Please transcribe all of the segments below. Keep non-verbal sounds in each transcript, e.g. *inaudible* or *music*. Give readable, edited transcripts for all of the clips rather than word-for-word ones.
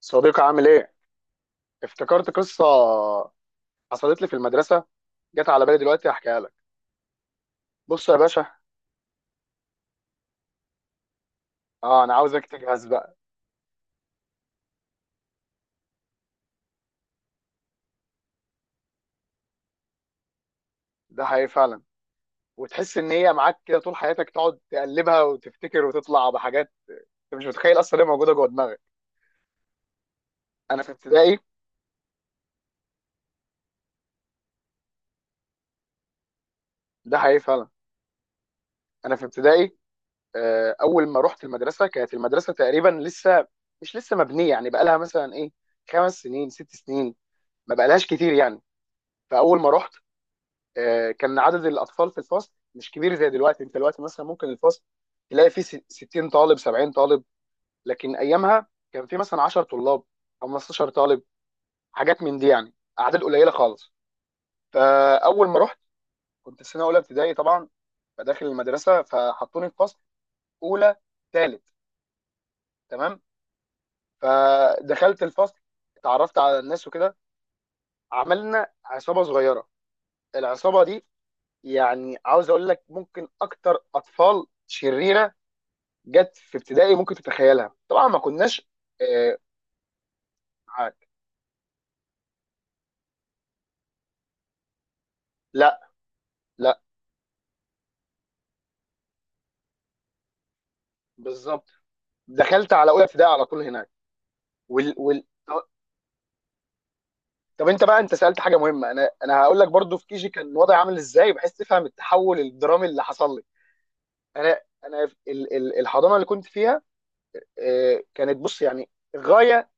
صديقي عامل ايه؟ افتكرت قصة حصلت لي في المدرسة، جت على بالي دلوقتي هحكيها لك. بص يا باشا، اه انا عاوزك تجهز بقى. ده حقيقي فعلا، وتحس ان هي معاك كده طول حياتك تقعد تقلبها وتفتكر وتطلع بحاجات. انت مش متخيل اصلا، هي موجودة جوه دماغك. انا في ابتدائي، ده حقيقي فعلا. انا في ابتدائي، اول ما رحت المدرسة كانت المدرسة تقريبا مش لسه مبنية، يعني بقى لها مثلا ايه، خمس سنين ست سنين، ما بقالهاش كتير يعني. فاول ما رحت، كان عدد الاطفال في الفصل مش كبير زي دلوقتي. انت دلوقتي مثلا ممكن الفصل تلاقي فيه 60 طالب 70 طالب، لكن ايامها كان فيه مثلا 10 طلاب 15 طالب، حاجات من دي يعني، اعداد قليله خالص. فاول ما رحت، كنت في سنه اولى ابتدائي طبعا. فداخل المدرسه، فحطوني في فصل اولى ثالث. تمام. فدخلت الفصل، اتعرفت على الناس وكده، عملنا عصابه صغيره. العصابه دي، يعني عاوز اقول لك ممكن اكتر اطفال شريره جت في ابتدائي، ممكن تتخيلها طبعا، ما كناش آه، معاك. لا، لا، بالظبط، دخلت على اولى ابتدائي على طول هناك. وال... وال... طب انت بقى، انت سالت حاجه مهمه. انا هقول لك برضو في كيجي كان وضعي عامل ازاي، بحيث تفهم التحول الدرامي اللي حصل لي. انا الحضانه اللي كنت فيها، كانت بص يعني غايه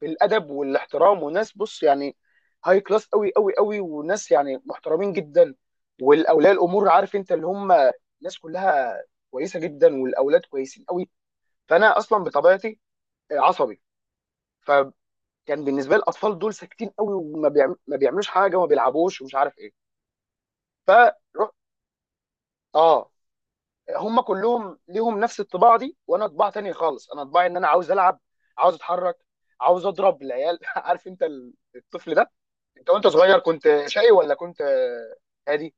بالادب والاحترام، وناس بص يعني هاي كلاس قوي قوي قوي، وناس يعني محترمين جدا. والاولياء الامور عارف انت اللي هم، ناس كلها كويسه جدا، والاولاد كويسين قوي. فانا اصلا بطبيعتي عصبي، فكان بالنسبه لي الاطفال دول ساكتين قوي، ما بيعملوش حاجه وما بيلعبوش ومش عارف ايه. فروح، اه هم كلهم ليهم نفس الطباع دي، وانا طباع تاني خالص. انا طباعي ان انا عاوز العب، عاوز اتحرك، عاوز اضرب العيال *laughs* عارف انت الطفل، انت وانت صغير كنت شقي ولا كنت هادي؟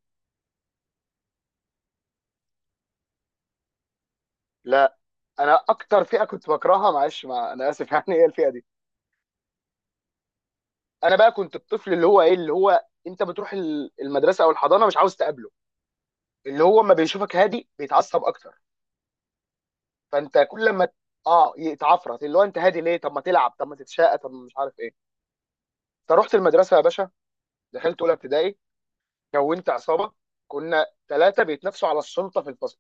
لا، انا اكتر فئه كنت بكرهها، معلش، مع انا اسف *laughs* يعني هي الفئه دي. انا بقى كنت الطفل اللي هو ايه، اللي هو انت بتروح المدرسه او الحضانه مش عاوز تقابله، اللي هو ما بيشوفك هادي بيتعصب اكتر. فانت كل ما يتعفرت، اللي هو انت هادي ليه، طب ما تلعب، طب ما تتشقى، طب ما مش عارف ايه. فروحت المدرسه يا باشا، دخلت اولى ابتدائي، كونت عصابه. كنا ثلاثه بيتنافسوا على السلطه في الفصل،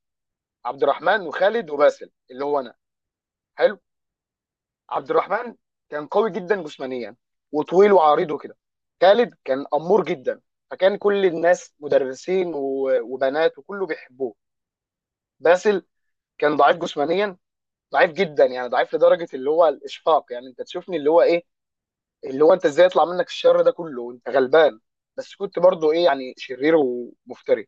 عبد الرحمن وخالد وباسل اللي هو انا. حلو. عبد الرحمن كان قوي جدا جسمانيا، وطويل وعريض وكده. خالد كان أمور جدا، فكان كل الناس مدرسين وبنات وكله بيحبوه. باسل كان ضعيف جسمانيا، ضعيف جدا، يعني ضعيف لدرجة اللي هو الإشفاق، يعني أنت تشوفني اللي هو إيه، اللي هو أنت إزاي يطلع منك الشر ده كله، أنت غلبان. بس كنت برضه إيه يعني، شرير ومفتري.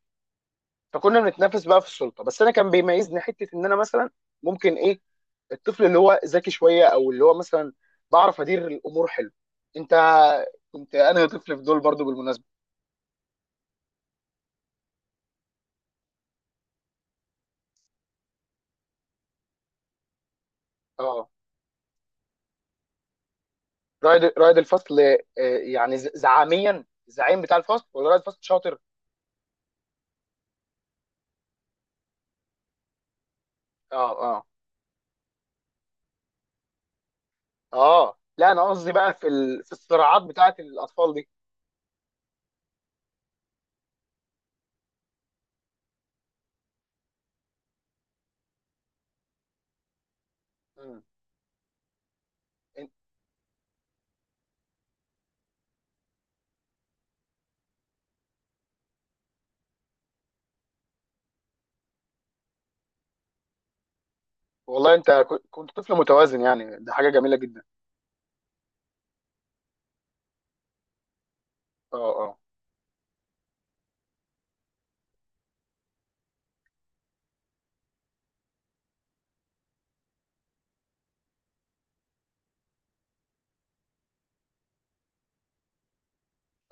فكنا بنتنافس بقى في السلطة، بس أنا كان بيميزني حتة، إن أنا مثلا ممكن إيه، الطفل اللي هو ذكي شويه، او اللي هو مثلا بعرف ادير الامور حلو. انت كنت انا طفل في دول برضو بالمناسبه. اه، رائد الفصل آه، يعني زعاميا، الزعيم بتاع الفصل ولا رائد الفصل شاطر؟ اه اه اه لا، انا قصدي بقى في ال... في الصراعات بتاعه الاطفال دي. مم. إن- والله انت كنت طفل متوازن، يعني ده حاجه جميله جدا. اه اه،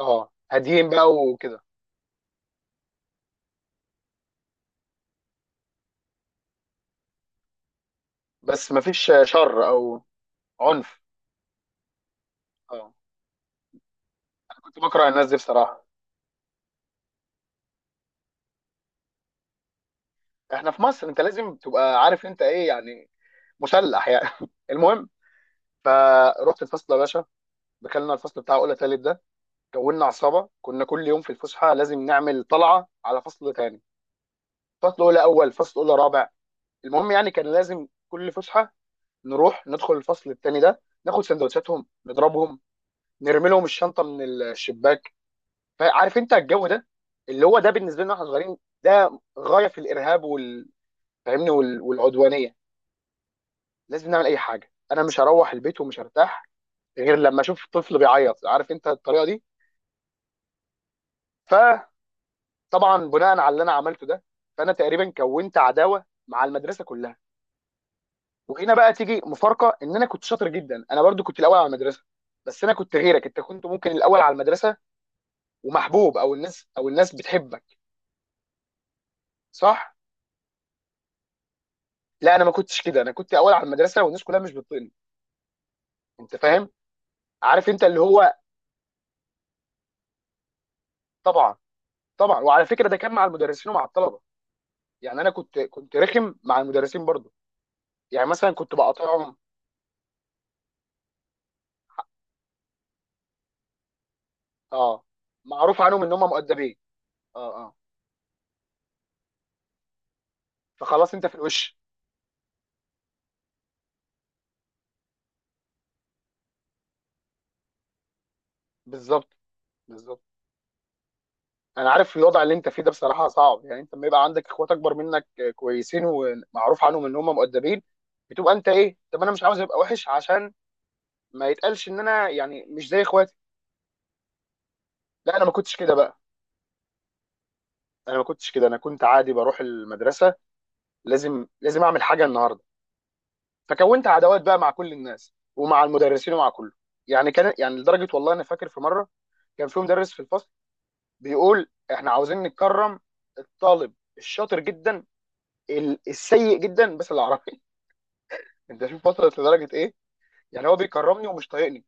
اه، هاديين بقى وكده، بس مفيش شر او عنف. اه، كنت بكره الناس دي بصراحه. احنا في مصر انت لازم تبقى عارف انت ايه يعني، مسلح يعني *laughs* المهم، فروحت الفصل يا باشا، دخلنا الفصل بتاع اولى تالت ده، كونا عصابه. كنا كل يوم في الفسحه لازم نعمل طلعه على فصل تاني، فصل اولى اول، فصل اولى رابع. المهم يعني، كان لازم كل فسحه نروح ندخل الفصل التاني ده، ناخد سندوتشاتهم، نضربهم، نرمي لهم الشنطه من الشباك. فعارف انت الجو ده، اللي هو ده بالنسبه لنا احنا صغيرين، ده غايه في الارهاب وال، فاهمني، والعدوانيه. لازم نعمل اي حاجه، انا مش هروح البيت ومش هرتاح غير لما اشوف طفل بيعيط، عارف انت الطريقه دي. فطبعا، بناء على اللي انا عملته ده، فانا تقريبا كونت عداوه مع المدرسه كلها. وهنا بقى تيجي مفارقه، ان انا كنت شاطر جدا، انا برضو كنت الاول على المدرسه. بس انا كنت غيرك، انت كنت ممكن الاول على المدرسه ومحبوب، او الناس او الناس بتحبك، صح؟ لا، انا ما كنتش كده. انا كنت اول على المدرسه والناس كلها مش بتطيقني. انت فاهم، عارف انت اللي هو. طبعا، طبعا، وعلى فكره ده كان مع المدرسين ومع الطلبه. يعني انا كنت رخم مع المدرسين برضو، يعني مثلا كنت بقاطعهم. اه، معروف عنهم ان هم مؤدبين. اه، اه. فخلاص انت في الوش. بالظبط، بالظبط. انا عارف الوضع اللي انت فيه ده بصراحه صعب، يعني انت لما يبقى عندك اخوات اكبر منك كويسين ومعروف عنهم ان هم مؤدبين، بتبقى انت ايه، طب انا مش عاوز ابقى وحش عشان ما يتقالش ان انا يعني مش زي اخواتي. لا انا ما كنتش كده بقى. انا ما كنتش كده، انا كنت عادي بروح المدرسه، لازم اعمل حاجه النهارده. فكونت عداوات بقى مع كل الناس، ومع المدرسين ومع كله. يعني كان يعني لدرجه، والله انا فاكر في مره كان في مدرس في الفصل بيقول احنا عاوزين نكرم الطالب الشاطر جدا السيء جدا بس العربي *laughs* انت شوف وصلت لدرجه ايه، يعني هو بيكرمني ومش طايقني.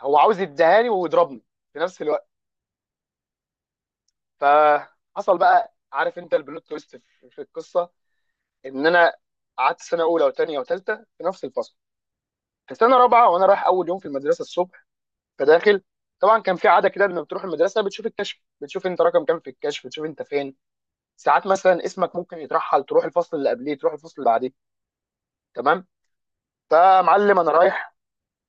هو عاوز يديهاني ويضربني في نفس الوقت. فحصل بقى عارف انت البلوت تويست في في القصه، ان انا قعدت سنه اولى وثانيه وثالثه في نفس الفصل. في سنه رابعه وانا رايح اول يوم في المدرسه الصبح، فداخل، طبعا كان في عاده كده لما بتروح المدرسه بتشوف الكشف، بتشوف انت رقم كام في الكشف، بتشوف انت فين. ساعات مثلا اسمك ممكن يترحل، تروح الفصل اللي قبليه، تروح الفصل اللي بعديه. تمام. فمعلم انا رايح،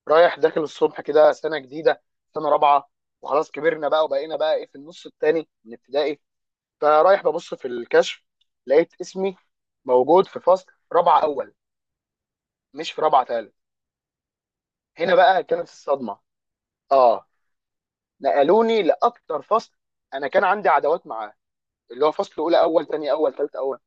رايح داخل الصبح كده، سنه جديده، سنه رابعه، وخلاص كبرنا بقى وبقينا بقى ايه في النص الثاني من ابتدائي. فرايح ببص في الكشف، لقيت اسمي موجود في فصل رابعه اول، مش في رابعه ثالث. هنا بقى كانت الصدمه. اه، نقلوني لاكتر فصل انا كان عندي عداوات معاه، اللي هو فصل اولى اول، تاني اول، تالت اول.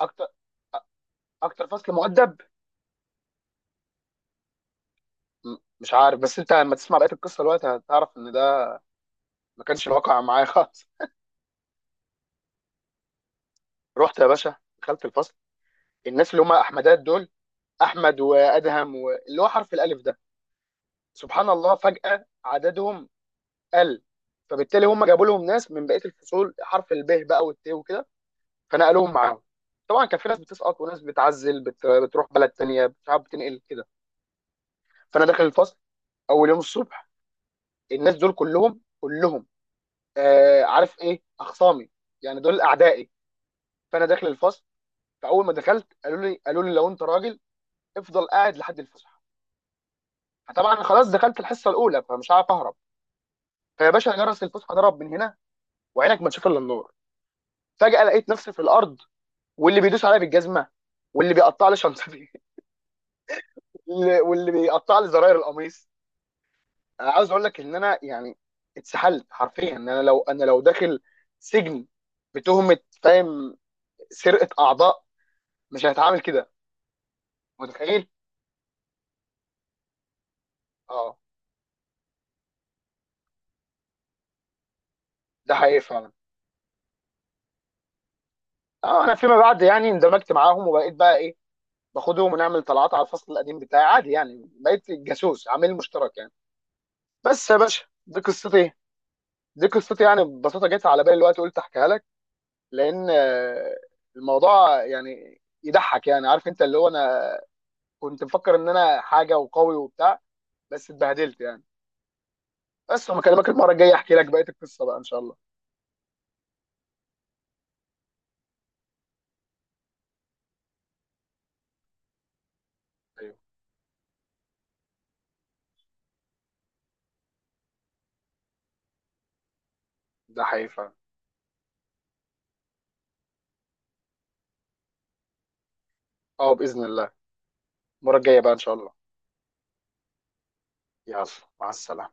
اكتر، اكتر فصل مؤدب. مش عارف، بس انت لما تسمع بقيه القصه دلوقتي هتعرف ان ده ما كانش الواقع معايا خالص. *laughs* رحت يا باشا، دخلت الفصل، الناس اللي هم احمدات دول، احمد وادهم واللي هو حرف الالف ده، سبحان الله فجاه عددهم قل، فبالتالي هم جابوا لهم ناس من بقيه الفصول، حرف الب بقى والت وكده، فنقلوهم معاهم. طبعا كان في ناس بتسقط وناس بتعزل، بتروح بلد تانية، بتعب، بتنقل كده. فانا داخل الفصل اول يوم الصبح، الناس دول كلهم كلهم، عارف ايه، اخصامي، يعني دول اعدائي. فانا داخل الفصل، فاول ما دخلت قالوا لي لو انت راجل افضل قاعد لحد الفسحه. فطبعا خلاص دخلت الحصه الاولى، فمش عارف اهرب. فيا باشا جرس الفسحه ضرب من هنا، وعينك ما تشوف الا النور، فجاه لقيت نفسي في الارض، واللي بيدوس عليا بالجزمه، واللي بيقطع لي شنطتي *laughs* واللي بيقطع لي زراير القميص. انا عاوز اقول لك ان انا يعني اتسحلت حرفيا، ان انا لو انا لو داخل سجن بتهمه، فاهم، سرقه اعضاء، مش هتعامل كده. متخيل. اه. ده حقيقي فعلا. اه انا فيما بعد يعني اندمجت معاهم، وبقيت بقى ايه، باخدهم ونعمل طلعات على الفصل القديم بتاعي عادي، يعني بقيت جاسوس عامل مشترك يعني. بس يا باشا دي قصتي، دي قصتي يعني ببساطه، جت على بالي الوقت قلت احكيها لك. لان الموضوع يعني يضحك، يعني عارف انت اللي هو انا كنت مفكر ان انا حاجه وقوي وبتاع، بس اتبهدلت يعني. بس لما اكلمك المره الجايه احكي لك بقيه القصه بقى ان شاء الله. ايوه، ده حقيقي فعلا. اه باذن الله، المره الجايه بقى ان شاء الله. يلا، مع السلامه.